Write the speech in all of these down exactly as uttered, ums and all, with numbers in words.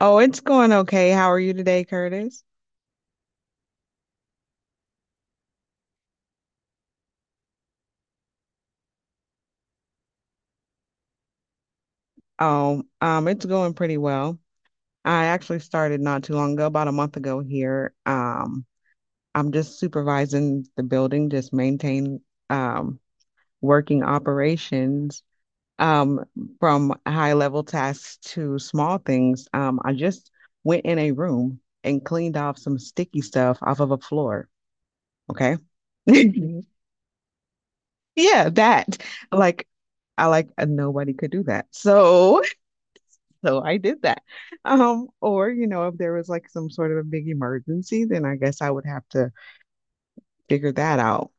Oh, it's going okay. How are you today, Curtis? Oh, um, it's going pretty well. I actually started not too long ago, about a month ago here. Um, I'm just supervising the building, just maintain um working operations um from high level tasks to small things. Um, I just went in a room and cleaned off some sticky stuff off of a floor. Okay. Yeah, that. Like I like uh, nobody could do that. So So I did that. Um, or, you know, if there was like some sort of a big emergency, then I guess I would have to figure that out.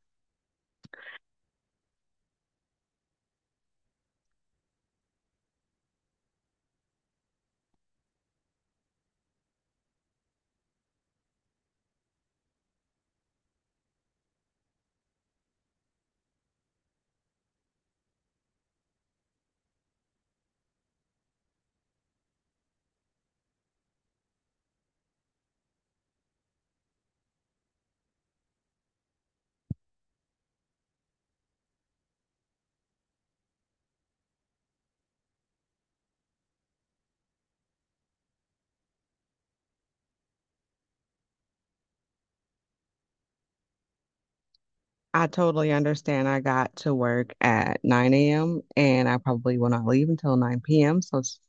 I totally understand. I got to work at nine a m and I probably will not leave until nine p m. So, it's-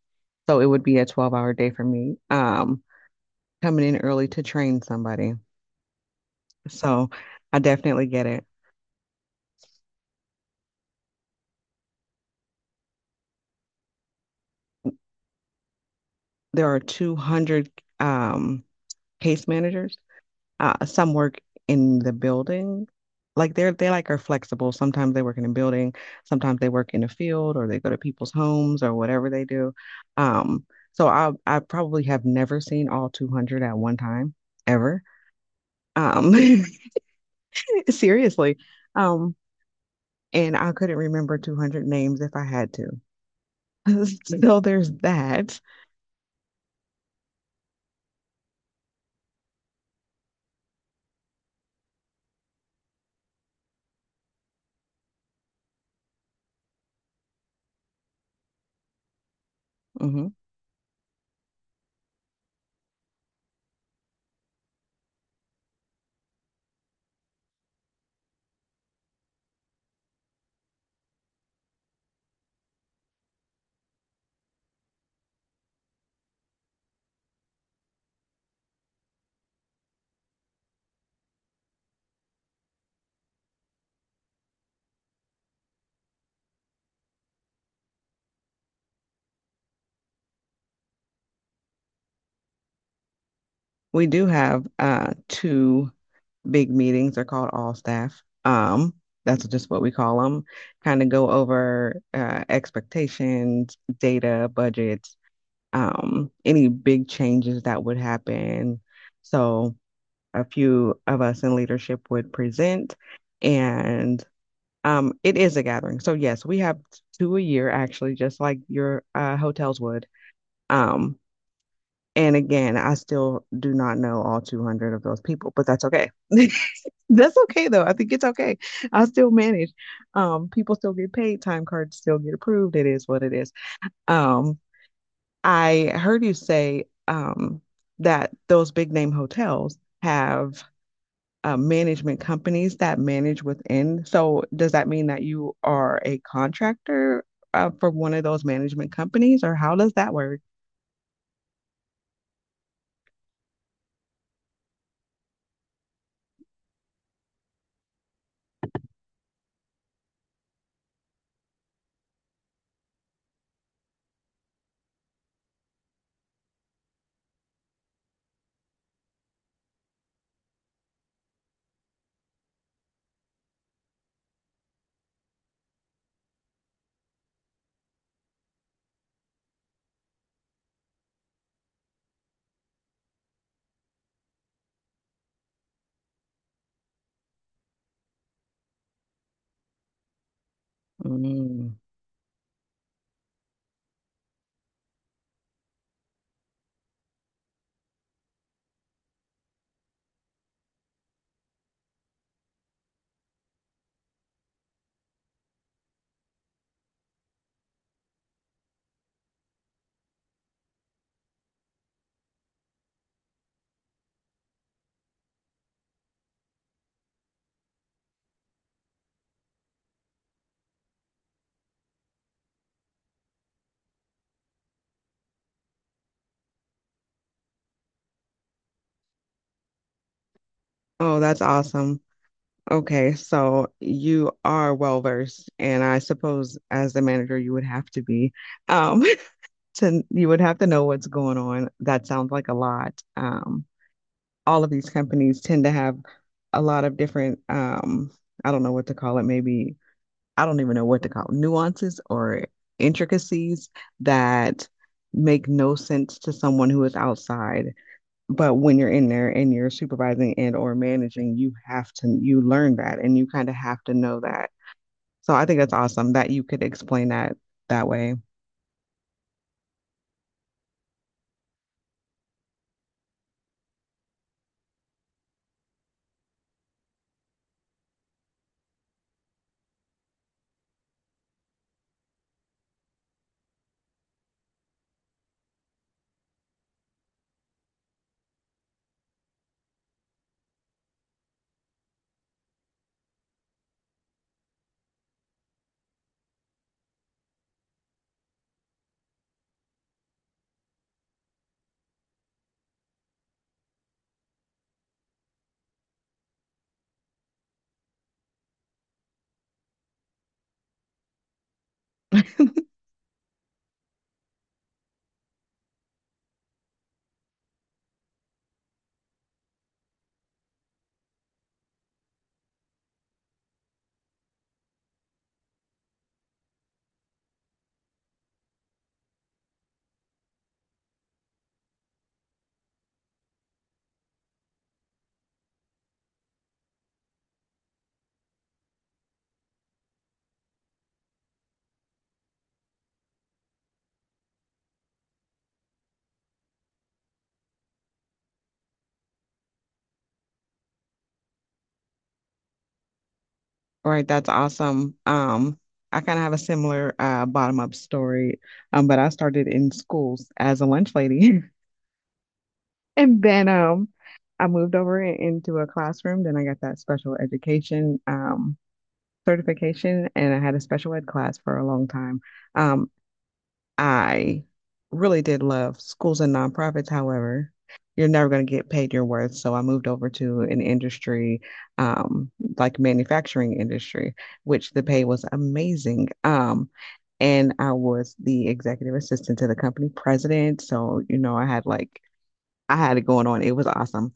so it would be a twelve hour day for me, um, coming in early to train somebody. So I definitely get it. There are two hundred um, case managers. Uh, some work in the building. Like they're they like are flexible. Sometimes they work in a building, sometimes they work in a field or they go to people's homes or whatever they do. Um, so I I probably have never seen all two hundred at one time ever. Um, seriously. Um, and I couldn't remember two hundred names if I had to. So there's that. Mhm. We do have uh two big meetings are called all staff. Um, that's just what we call them. Kind of go over uh, expectations, data, budgets, um, any big changes that would happen. So a few of us in leadership would present, and um, it is a gathering. So yes, we have two a year actually, just like your uh, hotels would. Um, and again, I still do not know all two hundred of those people, but that's okay. That's okay though. I think it's okay. I still manage. Um, people still get paid, time cards still get approved. It is what it is. Um, I heard you say um that those big name hotels have uh, management companies that manage within. So does that mean that you are a contractor uh, for one of those management companies, or how does that work? Mm. Oh, that's awesome. Okay, so you are well versed, and I suppose as the manager you would have to be. Um, to you would have to know what's going on. That sounds like a lot. Um, all of these companies tend to have a lot of different um, I don't know what to call it, maybe I don't even know what to call it, nuances or intricacies that make no sense to someone who is outside, but when you're in there and you're supervising and or managing, you have to you learn that, and you kind of have to know that. So I think that's awesome that you could explain that that way. All right, that's awesome. um I kind of have a similar uh bottom up story. Um but I started in schools as a lunch lady. And then um I moved over i- into a classroom. Then I got that special education um certification, and I had a special ed class for a long time. um I really did love schools and nonprofits. However, you're never going to get paid your worth. So I moved over to an industry, um, like manufacturing industry, which the pay was amazing. Um, and I was the executive assistant to the company president. So, you know, I had like, I had it going on. It was awesome.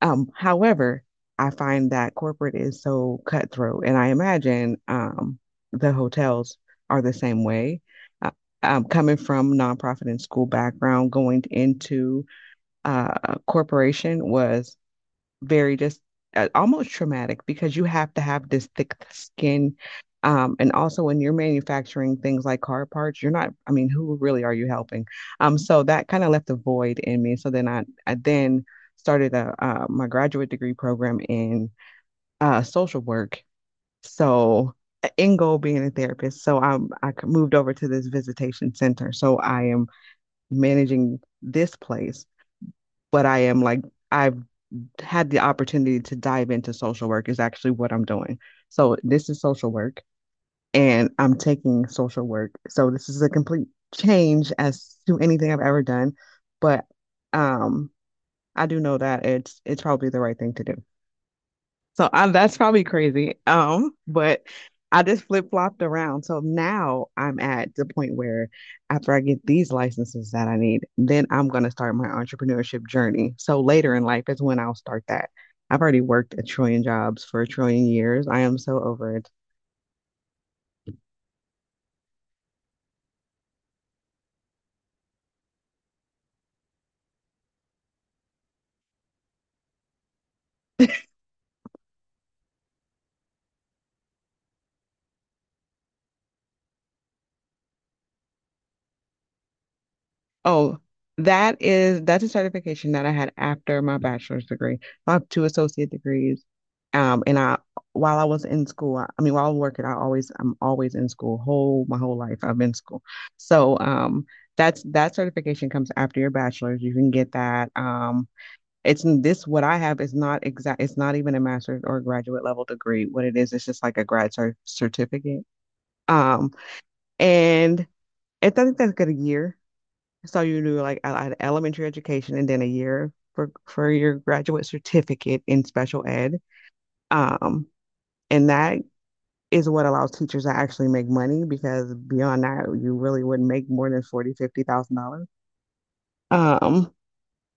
Um, however, I find that corporate is so cutthroat, and I imagine um, the hotels are the same way. Uh, um, Coming from nonprofit and school background, going into uh, corporation was very just uh, almost traumatic because you have to have this thick skin. Um, and also when you're manufacturing things like car parts, you're not, I mean, who really are you helping? Um, so that kind of left a void in me. So then I, I then started a, uh, my graduate degree program in uh, social work. So uh, end goal being a therapist. So I'm, I moved over to this visitation center. So I am managing this place, but I am like, I've had the opportunity to dive into social work is actually what I'm doing. So this is social work and I'm taking social work. So this is a complete change as to anything I've ever done, but um I do know that it's it's probably the right thing to do. So I, that's probably crazy. Um, but I just flip-flopped around. So now I'm at the point where after I get these licenses that I need, then I'm going to start my entrepreneurship journey. So later in life is when I'll start that. I've already worked a trillion jobs for a trillion years. I am so over it. Oh, that is that's a certification that I had after my bachelor's degree. I have two associate degrees. Um, and I While I was in school, I, I mean while I was working, I always I'm always in school. Whole my whole life I've been in school. So um that's that certification comes after your bachelor's. You can get that. Um it's this what I have is not exact, it's not even a master's or graduate level degree. What it is, it's just like a grad cer certificate. Um and it doesn't take a year. So you do like I I elementary education, and then a year for for your graduate certificate in special ed. Um, and that is what allows teachers to actually make money because beyond that, you really wouldn't make more than forty, fifty thousand dollars. Um,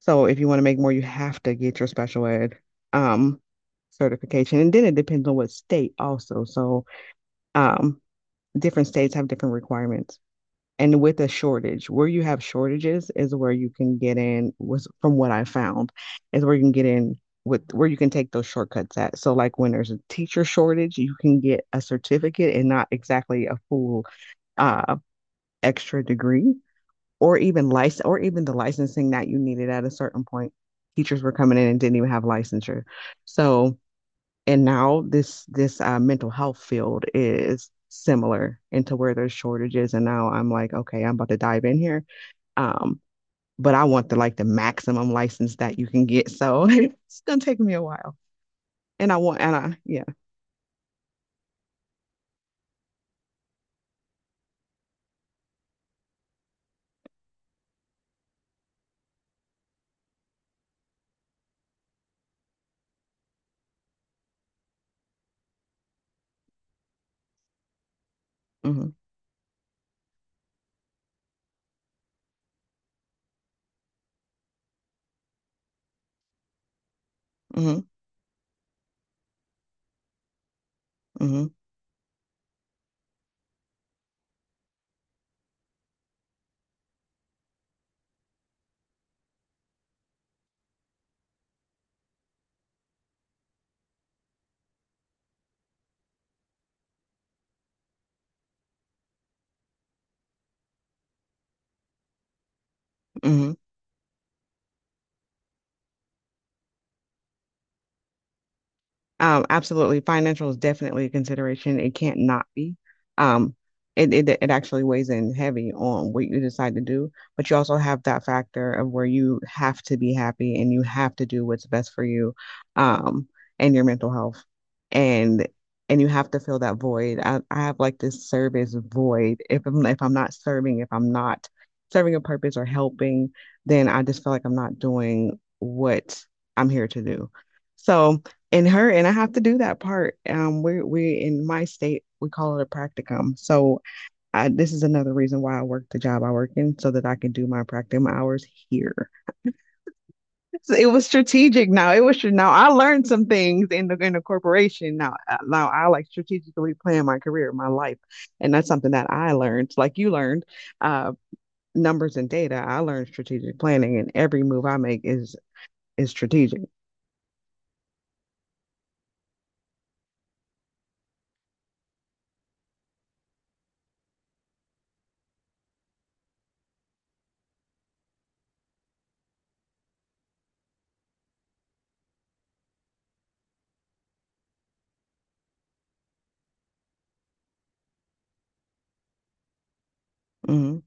so if you want to make more, you have to get your special ed um certification. And then it depends on what state also. So um different states have different requirements. And with a shortage, where you have shortages is where you can get in, was from what I found, is where you can get in with where you can take those shortcuts at. So like when there's a teacher shortage, you can get a certificate and not exactly a full uh extra degree or even license or even the licensing that you needed at a certain point. Teachers were coming in and didn't even have licensure. So and now this this uh, mental health field is similar into where there's shortages, and now I'm like, okay, I'm about to dive in here. Um but I want the like the maximum license that you can get. So it's gonna take me a while. And I want, and I yeah. Mm-hmm, mm-hmm, mm-hmm, mm-hmm. Um, absolutely. Financial is definitely a consideration. It can't not be. Um, it, it it actually weighs in heavy on what you decide to do, but you also have that factor of where you have to be happy and you have to do what's best for you, um, and your mental health. And and you have to fill that void. I, I have like this service void. If I'm if I'm not serving, if I'm not serving a purpose or helping, then I just feel like I'm not doing what I'm here to do. So, and her and I have to do that part. Um, we're we're in my state we call it a practicum. So I, this is another reason why I work the job I work in so that I can do my practicum hours here. So it was strategic. Now it was now I learned some things in the in the corporation. Now uh, now I like strategically plan my career, my life, and that's something that I learned. Like you learned, uh, numbers and data. I learned strategic planning, and every move I make is is strategic. Mm-hmm.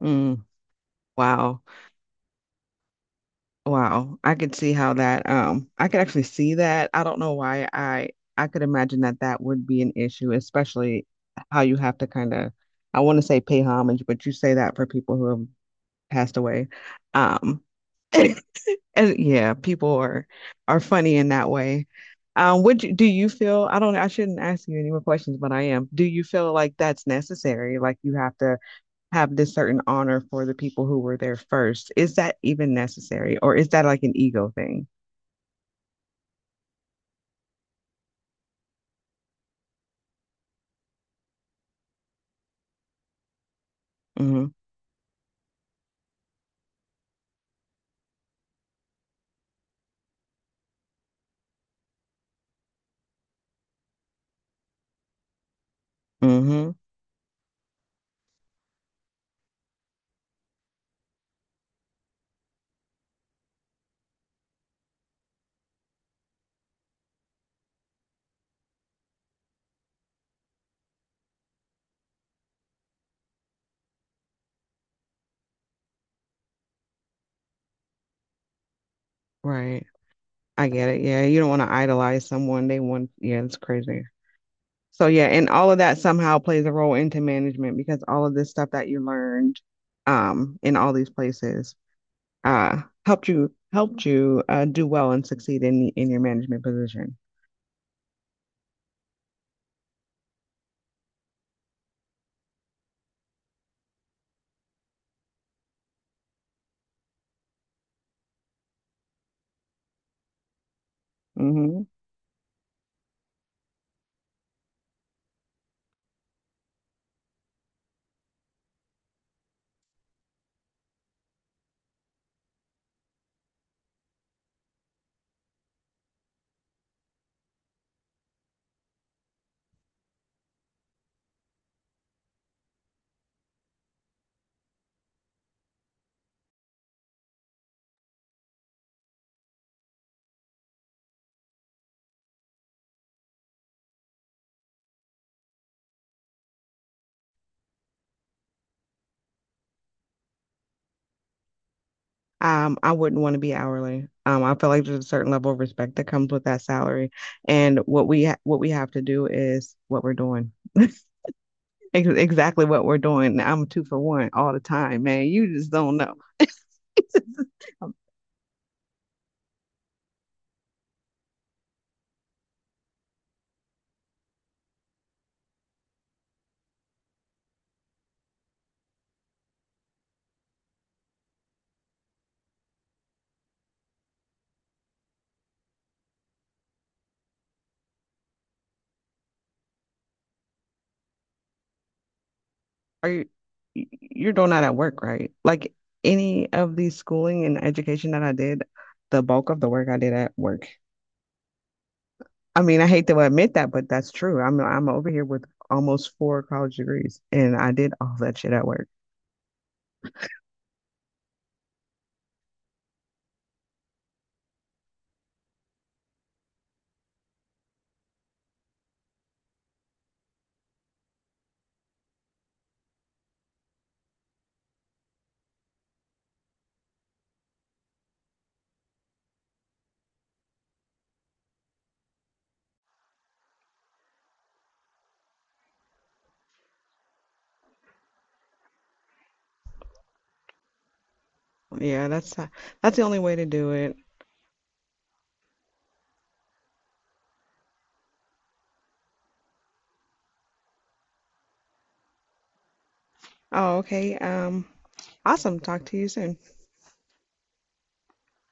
Mm. Wow. Wow, I could see how that um I could actually see that. I don't know why I I could imagine that that would be an issue, especially how you have to kind of, I want to say, pay homage, but you say that for people who have passed away. Um And yeah, people are are funny in that way. Um, would you, do you feel, I don't, I shouldn't ask you any more questions, but I am. Do you feel like that's necessary? Like you have to have this certain honor for the people who were there first. Is that even necessary, or is that like an ego thing? Hmm. Hmm. Right. I get it. Yeah, you don't want to idolize someone. They want. Yeah, it's crazy. So yeah, and all of that somehow plays a role into management because all of this stuff that you learned, um, in all these places uh helped you helped you uh do well and succeed in in your management position. Hmm. Um, I wouldn't want to be hourly. Um, I feel like there's a certain level of respect that comes with that salary, and what we ha what we have to do is what we're doing. Ex- exactly what we're doing. I'm two for one all the time, man. You just don't know. Um, Are you y- you're doing that at work, right? Like any of the schooling and education that I did, the bulk of the work I did at work. I mean, I hate to admit that, but that's true. I'm I'm over here with almost four college degrees, and I did all that shit at work. Yeah, that's that's the only way to do it. Oh, okay. Um, awesome. Talk to you soon.